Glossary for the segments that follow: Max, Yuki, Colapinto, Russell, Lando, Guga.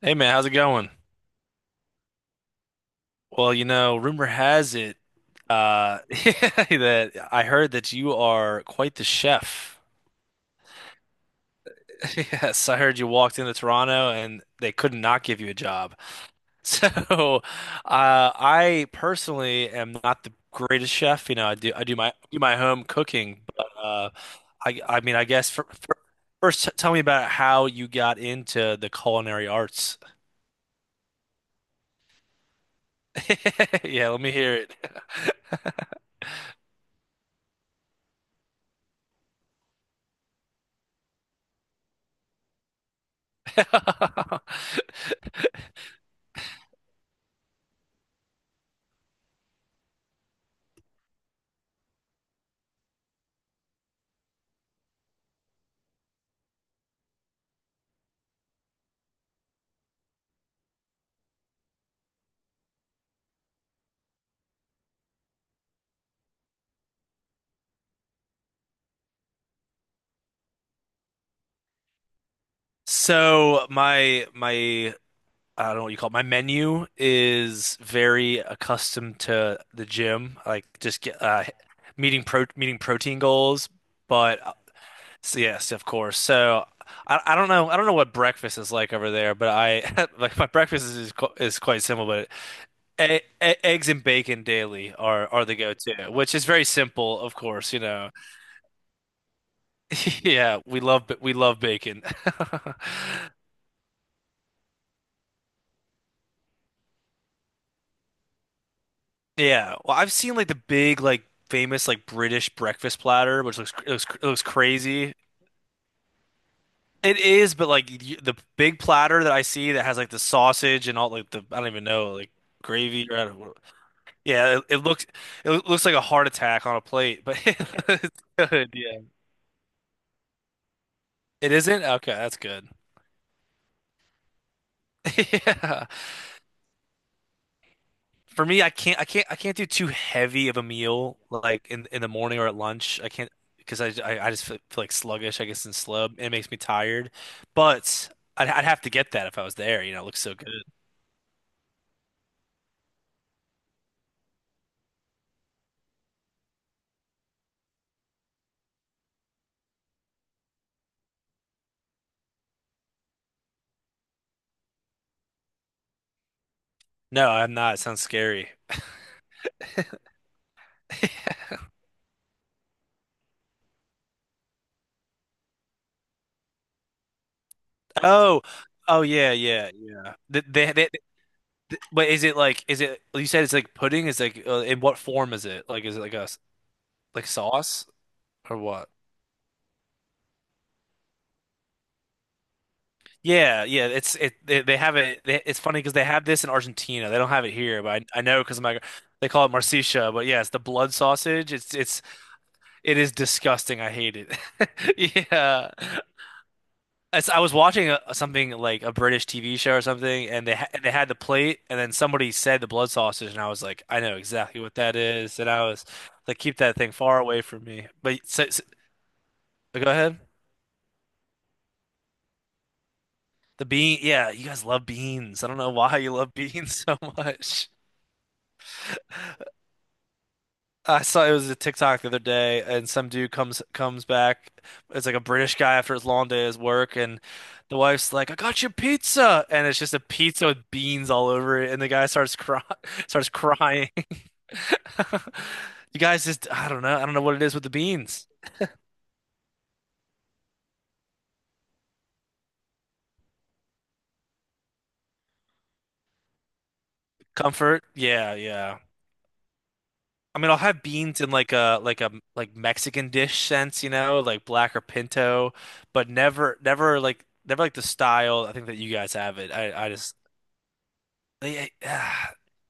Hey man, how's it going? Well, rumor has it that I heard that you are quite the chef. Yes, I heard you walked into Toronto and they could not give you a job. So, I personally am not the greatest chef, you know, I do my home cooking, but I mean, I guess for first tell me about how you got into the culinary arts. Yeah, let me hear it. So my I don't know what you call it. My menu is very accustomed to the gym, like just get meeting protein goals. But so yes, of course. So I don't know what breakfast is like over there, but I like my breakfast is quite simple. But e e eggs and bacon daily are the go-to, which is very simple, of course. You know, yeah, we love bacon. Yeah, well, I've seen like the big, like famous, like British breakfast platter, which it looks crazy. It is, but like the big platter that I see that has like the sausage and all like the I don't even know like gravy or I don't know. Yeah, it looks like a heart attack on a plate, but it's good. Yeah, it isn't. Okay, that's good. Yeah. For me, I can't do too heavy of a meal like in the morning or at lunch. I can't because I just feel like sluggish, I guess, and slub, and it makes me tired. But I'd have to get that if I was there. You know, it looks so good. No, I'm not. It sounds scary. Oh, oh yeah, yeah, yeah. But is it like, is it? You said it's like pudding. Is like, in what form is it? Like, is it like a like sauce or what? Yeah, yeah, they have it. They, it's funny because they have this in Argentina. They don't have it here, but I know because I'm like they call it morcilla. But yeah, it's the blood sausage. It is disgusting. I hate it. Yeah, as I was watching a, something like a British TV show or something, and they ha and they had the plate, and then somebody said the blood sausage, and I was like, I know exactly what that is, and I was like, keep that thing far away from me. But but go ahead. The bean, yeah, you guys love beans. I don't know why you love beans so much. I saw it was a TikTok the other day, and some dude comes back. It's like a British guy after his long day at his work, and the wife's like, "I got you pizza," and it's just a pizza with beans all over it, and the guy starts cry starts crying. You guys just, I don't know, what it is with the beans. Comfort, yeah, yeah. I mean, I'll have beans in like a like Mexican dish sense, you know, like black or pinto, but never never like never like the style I think that you guys have it. I just. Yeah, yeah.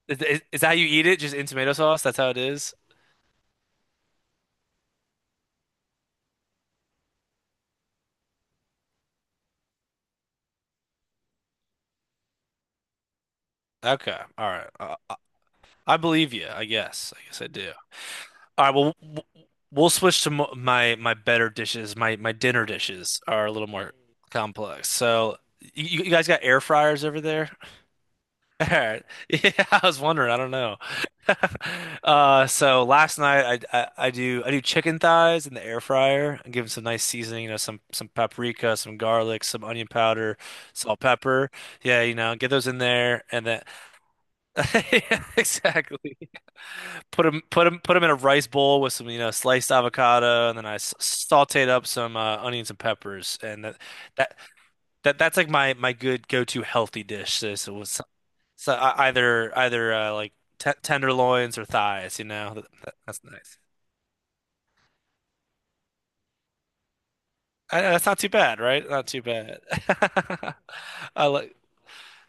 Is that how you eat it? Just in tomato sauce? That's how it is? Okay. All right. I believe you, I guess. I guess I do. All right, well, we'll switch to mo my my better dishes. My dinner dishes are a little more complex. So, you guys got air fryers over there? All right. Yeah, I was wondering. I don't know. So last night, I do chicken thighs in the air fryer and give them some nice seasoning, you know, some paprika, some garlic, some onion powder, salt, pepper. Yeah, you know, get those in there and then yeah, exactly. Put them in a rice bowl with some, you know, sliced avocado, and then I s sauteed up some onions and peppers, and that that's like my good go-to healthy dish. So, either either like t tenderloins or thighs, you know. That's nice. I, that's not too bad, right? Not too bad. I like.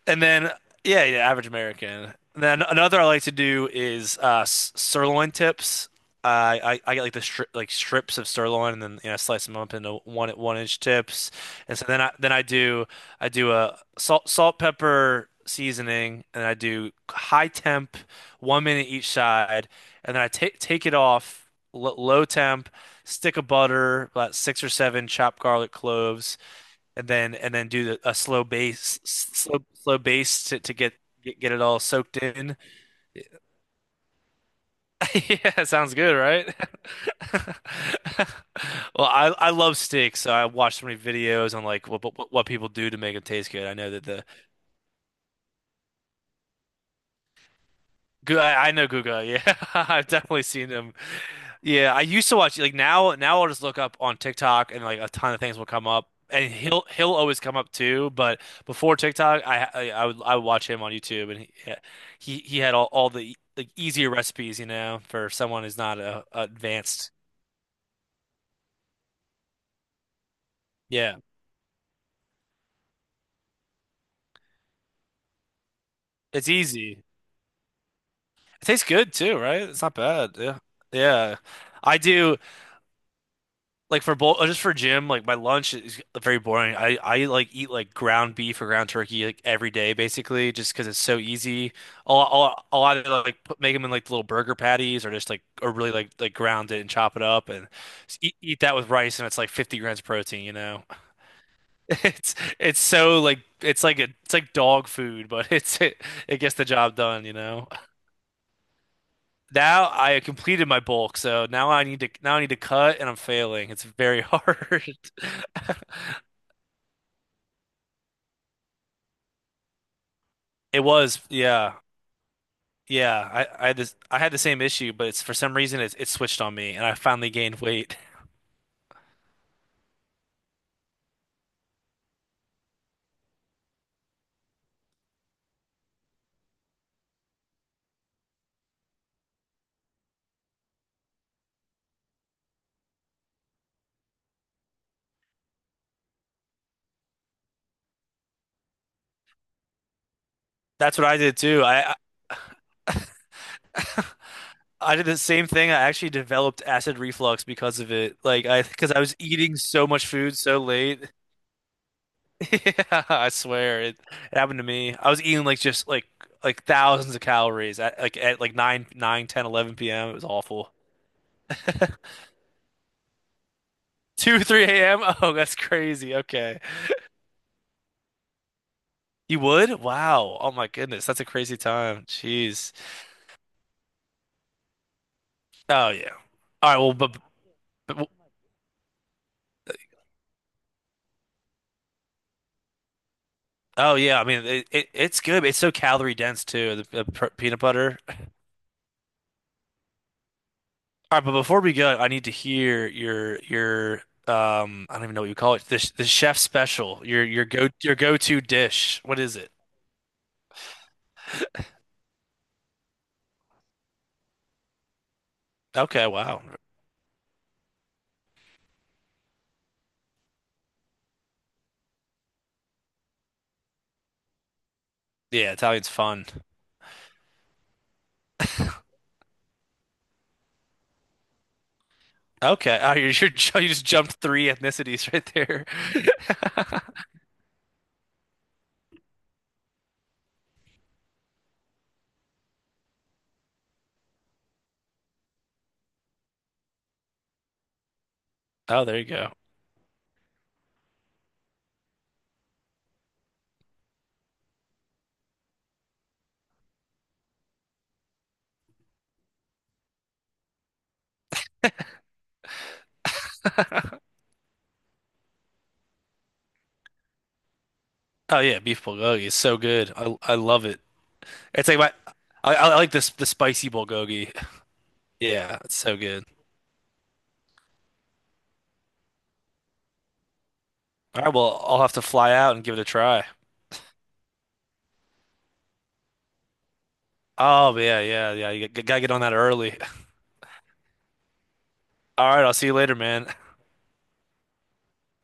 And then, yeah, yeah, average American. And then another I like to do is sirloin tips. I get like the stri like strips of sirloin, and then you know slice them up into one inch tips. And so then I do a salt pepper seasoning, and I do high temp, 1 minute each side, and then I take take it off l low temp, stick of butter, about six or seven chopped garlic cloves, and then do a slow bass, slow bass to, get it all soaked in. Yeah, sounds good, right? Well, I love steak, so I watch so many videos on like what people do to make them taste good. I know that the I know Guga. Yeah, I've definitely seen him. Yeah, I used to watch like now. Now I'll just look up on TikTok and like a ton of things will come up, and he'll always come up too. But before TikTok, I would watch him on YouTube, and he yeah, he had all the like easier recipes, you know, for someone who's not advanced. Yeah, it's easy. It tastes good too, right? It's not bad. Yeah, yeah. I do. Like for both, just for gym, like my lunch is very boring. I like eat like ground beef or ground turkey like every day basically just because it's so easy. A lot of like put, make them in like little burger patties, or just like or really like ground it and chop it up and just eat that with rice, and it's like 50 grams of protein, you know. it's it's so like it's like a it's like dog food, but it gets the job done, you know. Now I completed my bulk, so now I need to cut, and I'm failing. It's very hard. It was, yeah, yeah. I had this, I had the same issue, but it's for some reason it switched on me, and I finally gained weight. That's what I did too. I I did the same thing. I actually developed acid reflux because of it. Like because I was eating so much food so late. Yeah, I swear it happened to me. I was eating like just like thousands of calories at like 9, nine, ten, eleven p.m. It was awful. 2, 3 a.m. Oh, that's crazy. Okay. You would? Wow. Oh my goodness. That's a crazy time. Jeez. Oh yeah. All right, well but- oh yeah, I mean it it's good. But it's so calorie dense too. The peanut butter. All right, but before we go, I need to hear your I don't even know what you call it. The the chef special. Your go your go-to dish. What is it? Okay, wow. Yeah, Italian's fun. Okay. Oh, you just jumped three ethnicities right there. Oh, there you go. Oh yeah, beef bulgogi is so good. I love it. It's like my I like this the spicy bulgogi. Yeah, it's so good. All right, well, I'll have to fly out and give it a try. Oh yeah, yeah, yeah. You gotta get on that early. All right, I'll see you later, man.